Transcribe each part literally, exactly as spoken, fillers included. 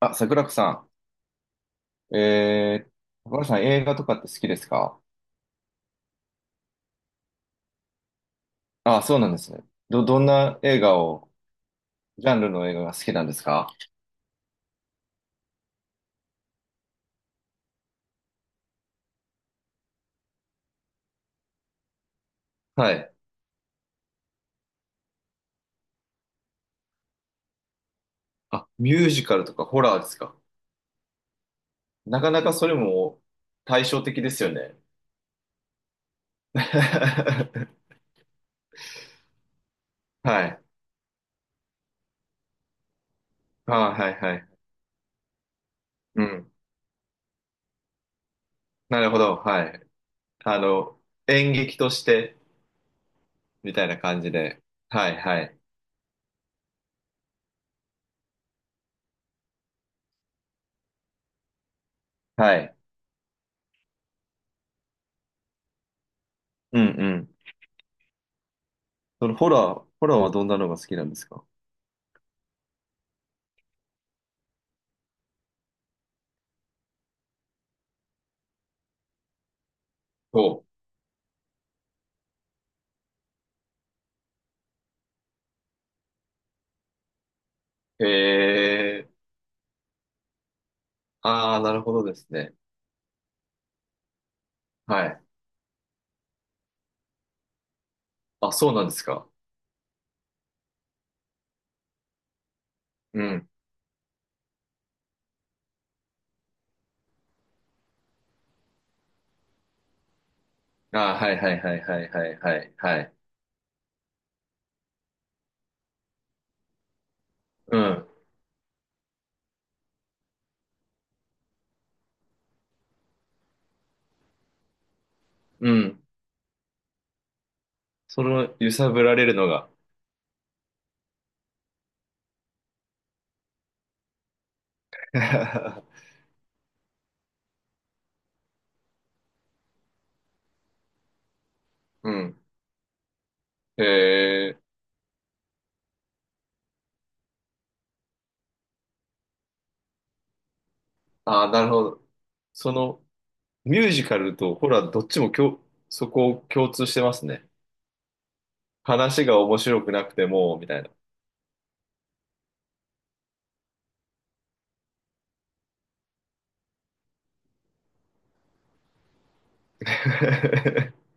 あ、桜子さん。えー、桜子さん映画とかって好きですか？あ、そうなんですね。ど、どんな映画を、ジャンルの映画が好きなんですか？はい。あ、ミュージカルとかホラーですか？なかなかそれも対照的ですよね。はい。あ、はいはい。うん。なるほど。はい。あの、演劇として、みたいな感じで。はいはい。はい。うんうん。そのホラー、ホラーはどんなのが好きなんですか？お、へえ。ああ、なるほどですね。はい。あ、そうなんですか。うん。ああ、はいはいはいはいはいはいはい。うん。うん。その揺さぶられるのが。うん。へえ。ああ、なるほど。そのミュージカルとホラーどっちもきょ、そこを共通してますね。話が面白くなくても、みたいな。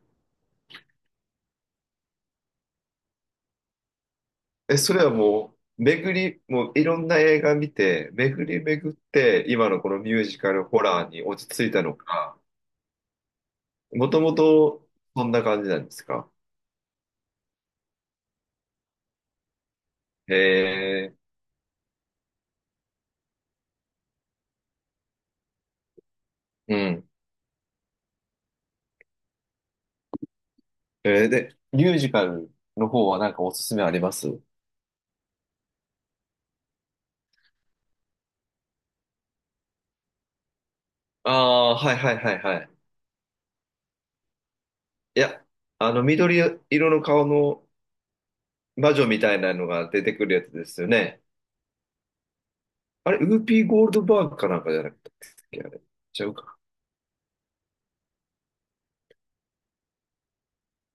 え、それはもう、巡り、もういろんな映画見て、巡り巡って、今のこのミュージカルホラーに落ち着いたのか、もともと、そんな感じなんですか？へえ、うん。えーで、ミュージカルの方はなんかおすすめあります？ああー、はいはいはいはい。いや、あの、緑色の顔の魔女みたいなのが出てくるやつですよね。あれ、ウーピーゴールドバーグかなんかじゃなかったっけあれ。ちゃうか。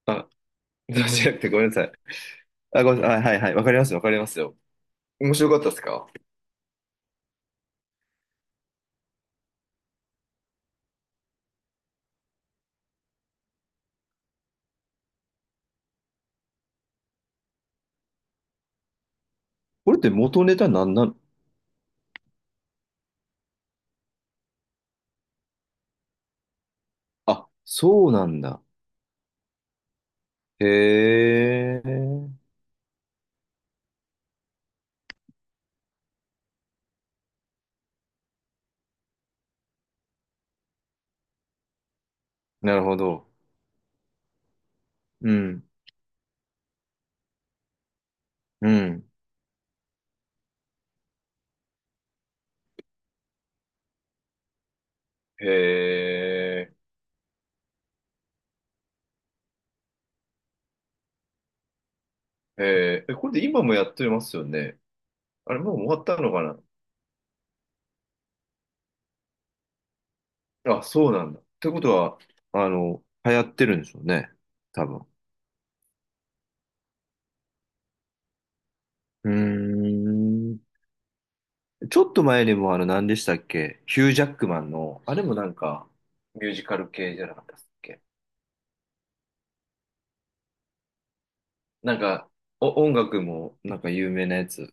あ、じゃなくてごめんなさい。あ、ごめんなさい。はいはいはい。わかりますよわかりますよ。面白かったですか？これって元ネタなんなの？あ、そうなんだ。へえ。なるほど。うん、うん。へえ、へえ、えこれで今もやってますよね。あれ、もう終わったのかな。あ、そうなんだ。ってことは、あの、流行ってるんでしょうね。多分。うーん。ちょっと前にもあの何でしたっけヒュージャックマンの、あれもなんかミュージカル系じゃなかったっけ？なんか、お、音楽もなんか有名なやつ。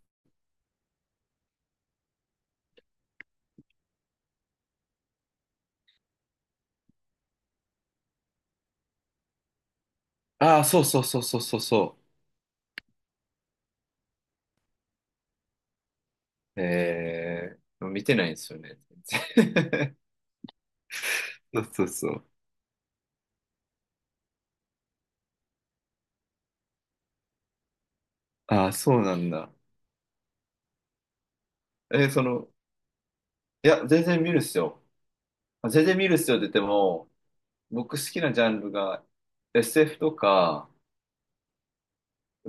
ああ、そうそうそうそうそうそう。えー、見てないんですよね。そうそうそう。ああ、そうなんだ。え、その、いや、全然見るっすよ。あ全然見るっすよって言っても、僕好きなジャンルが エスエフ とか、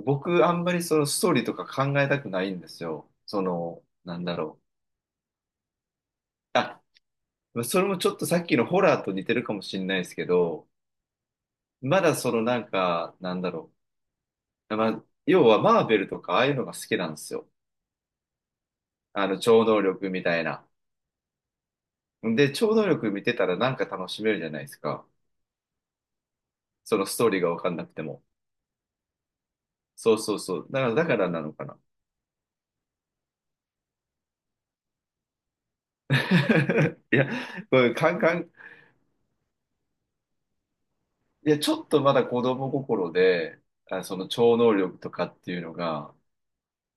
僕あんまりそのストーリーとか考えたくないんですよ。その、なんだろう。あ、それもちょっとさっきのホラーと似てるかもしれないですけど、まだそのなんか、なんだろう。まあ、要はマーベルとかああいうのが好きなんですよ。あの、超能力みたいな。で、超能力見てたらなんか楽しめるじゃないですか。そのストーリーがわかんなくても。そうそうそう。だから、だからなのかな。いや、これ、カンカン、いや、ちょっとまだ子供心で、あ、その超能力とかっていうのが、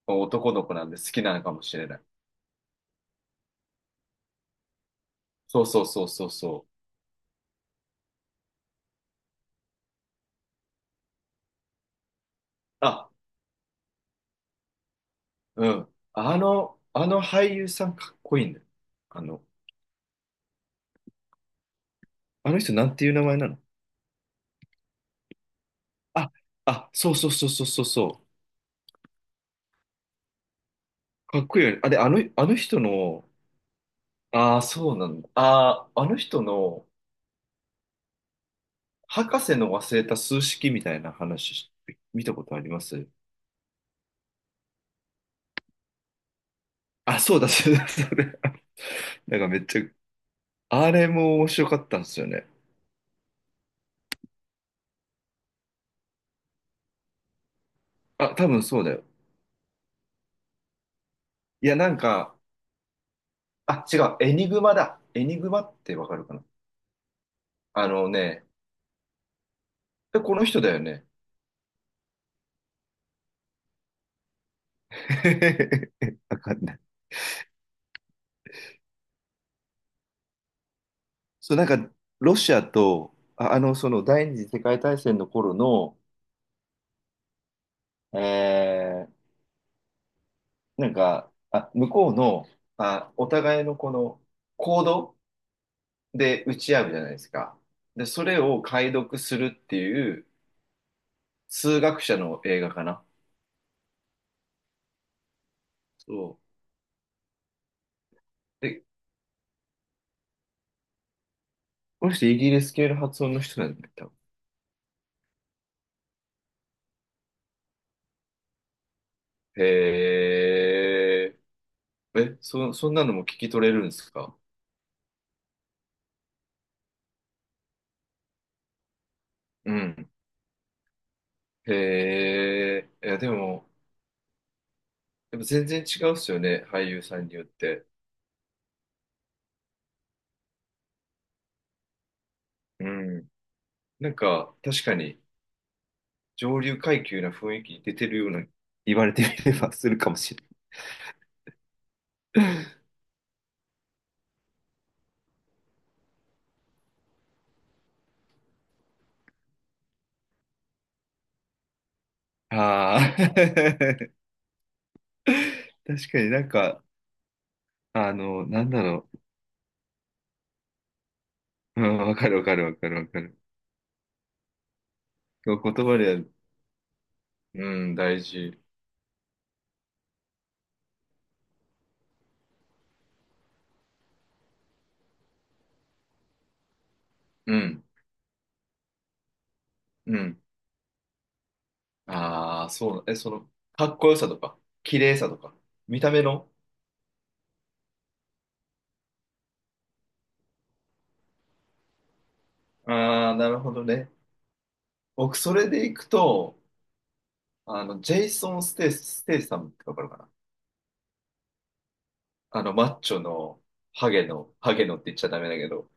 男の子なんで好きなのかもしれない。そうそうそうそうそう。あ、うん。あの、あの俳優さんかっこいいんだよ。あの、あの、人なんていう名前なの？あ、あ、そうそうそうそうそうそう。かっこいいよね。あ、で、あの、あの人の、ああ、そうなんだ。ああ、あの人の、博士の忘れた数式みたいな話、見たことあります？あ、そうだ、そうだ、そうだ。なんかめっちゃ、あれも面白かったんですよね。あ、多分そうだよ。いや、なんか、あ、違う、エニグマだ。エニグマってわかるかな？あのね、えこの人だよね。わかんない。そう、なんか、ロシアと、あ、あの、その第二次世界大戦の頃の、えー、なんか、あ、向こうの、あ、お互いのこの、行動で打ち合うじゃないですか。で、それを解読するっていう、数学者の映画かな。そうえ、この人イギリス系の発音の人なんだよ多分。へえ。え、そ、そんなのも聞き取れるんですか？うん。へえ。いや、でも、やっぱ全然違うっすよね、俳優さんによって。うん。なんか、確かに、上流階級な雰囲気出てるような、言われてみればするかもしれない。ああ。確かになんか、あの、なんだろう。うん、わかるわかるわかるわかる。言葉ではうん、大事。うん、うん。ああ、そうだ。え、その、かっこよさとか、綺麗さとか、見た目の。ああ、なるほどね。僕、それでいくと、あの、ジェイソン・ステイ、ステイさんってわかるかな？あの、マッチョの、ハゲの、ハゲのって言っちゃダメだけど。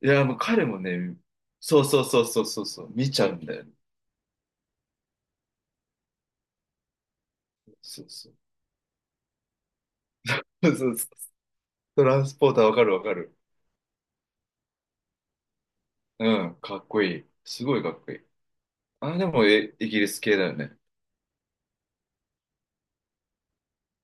いや、もう彼もね、そうそうそうそうそう、そう見ちゃうんだよね。そうそう。そうそうそうトランスポーターわかるわかる。うん、かっこいい。すごいかっこいい。あ、でも、え、イギリス系だよね。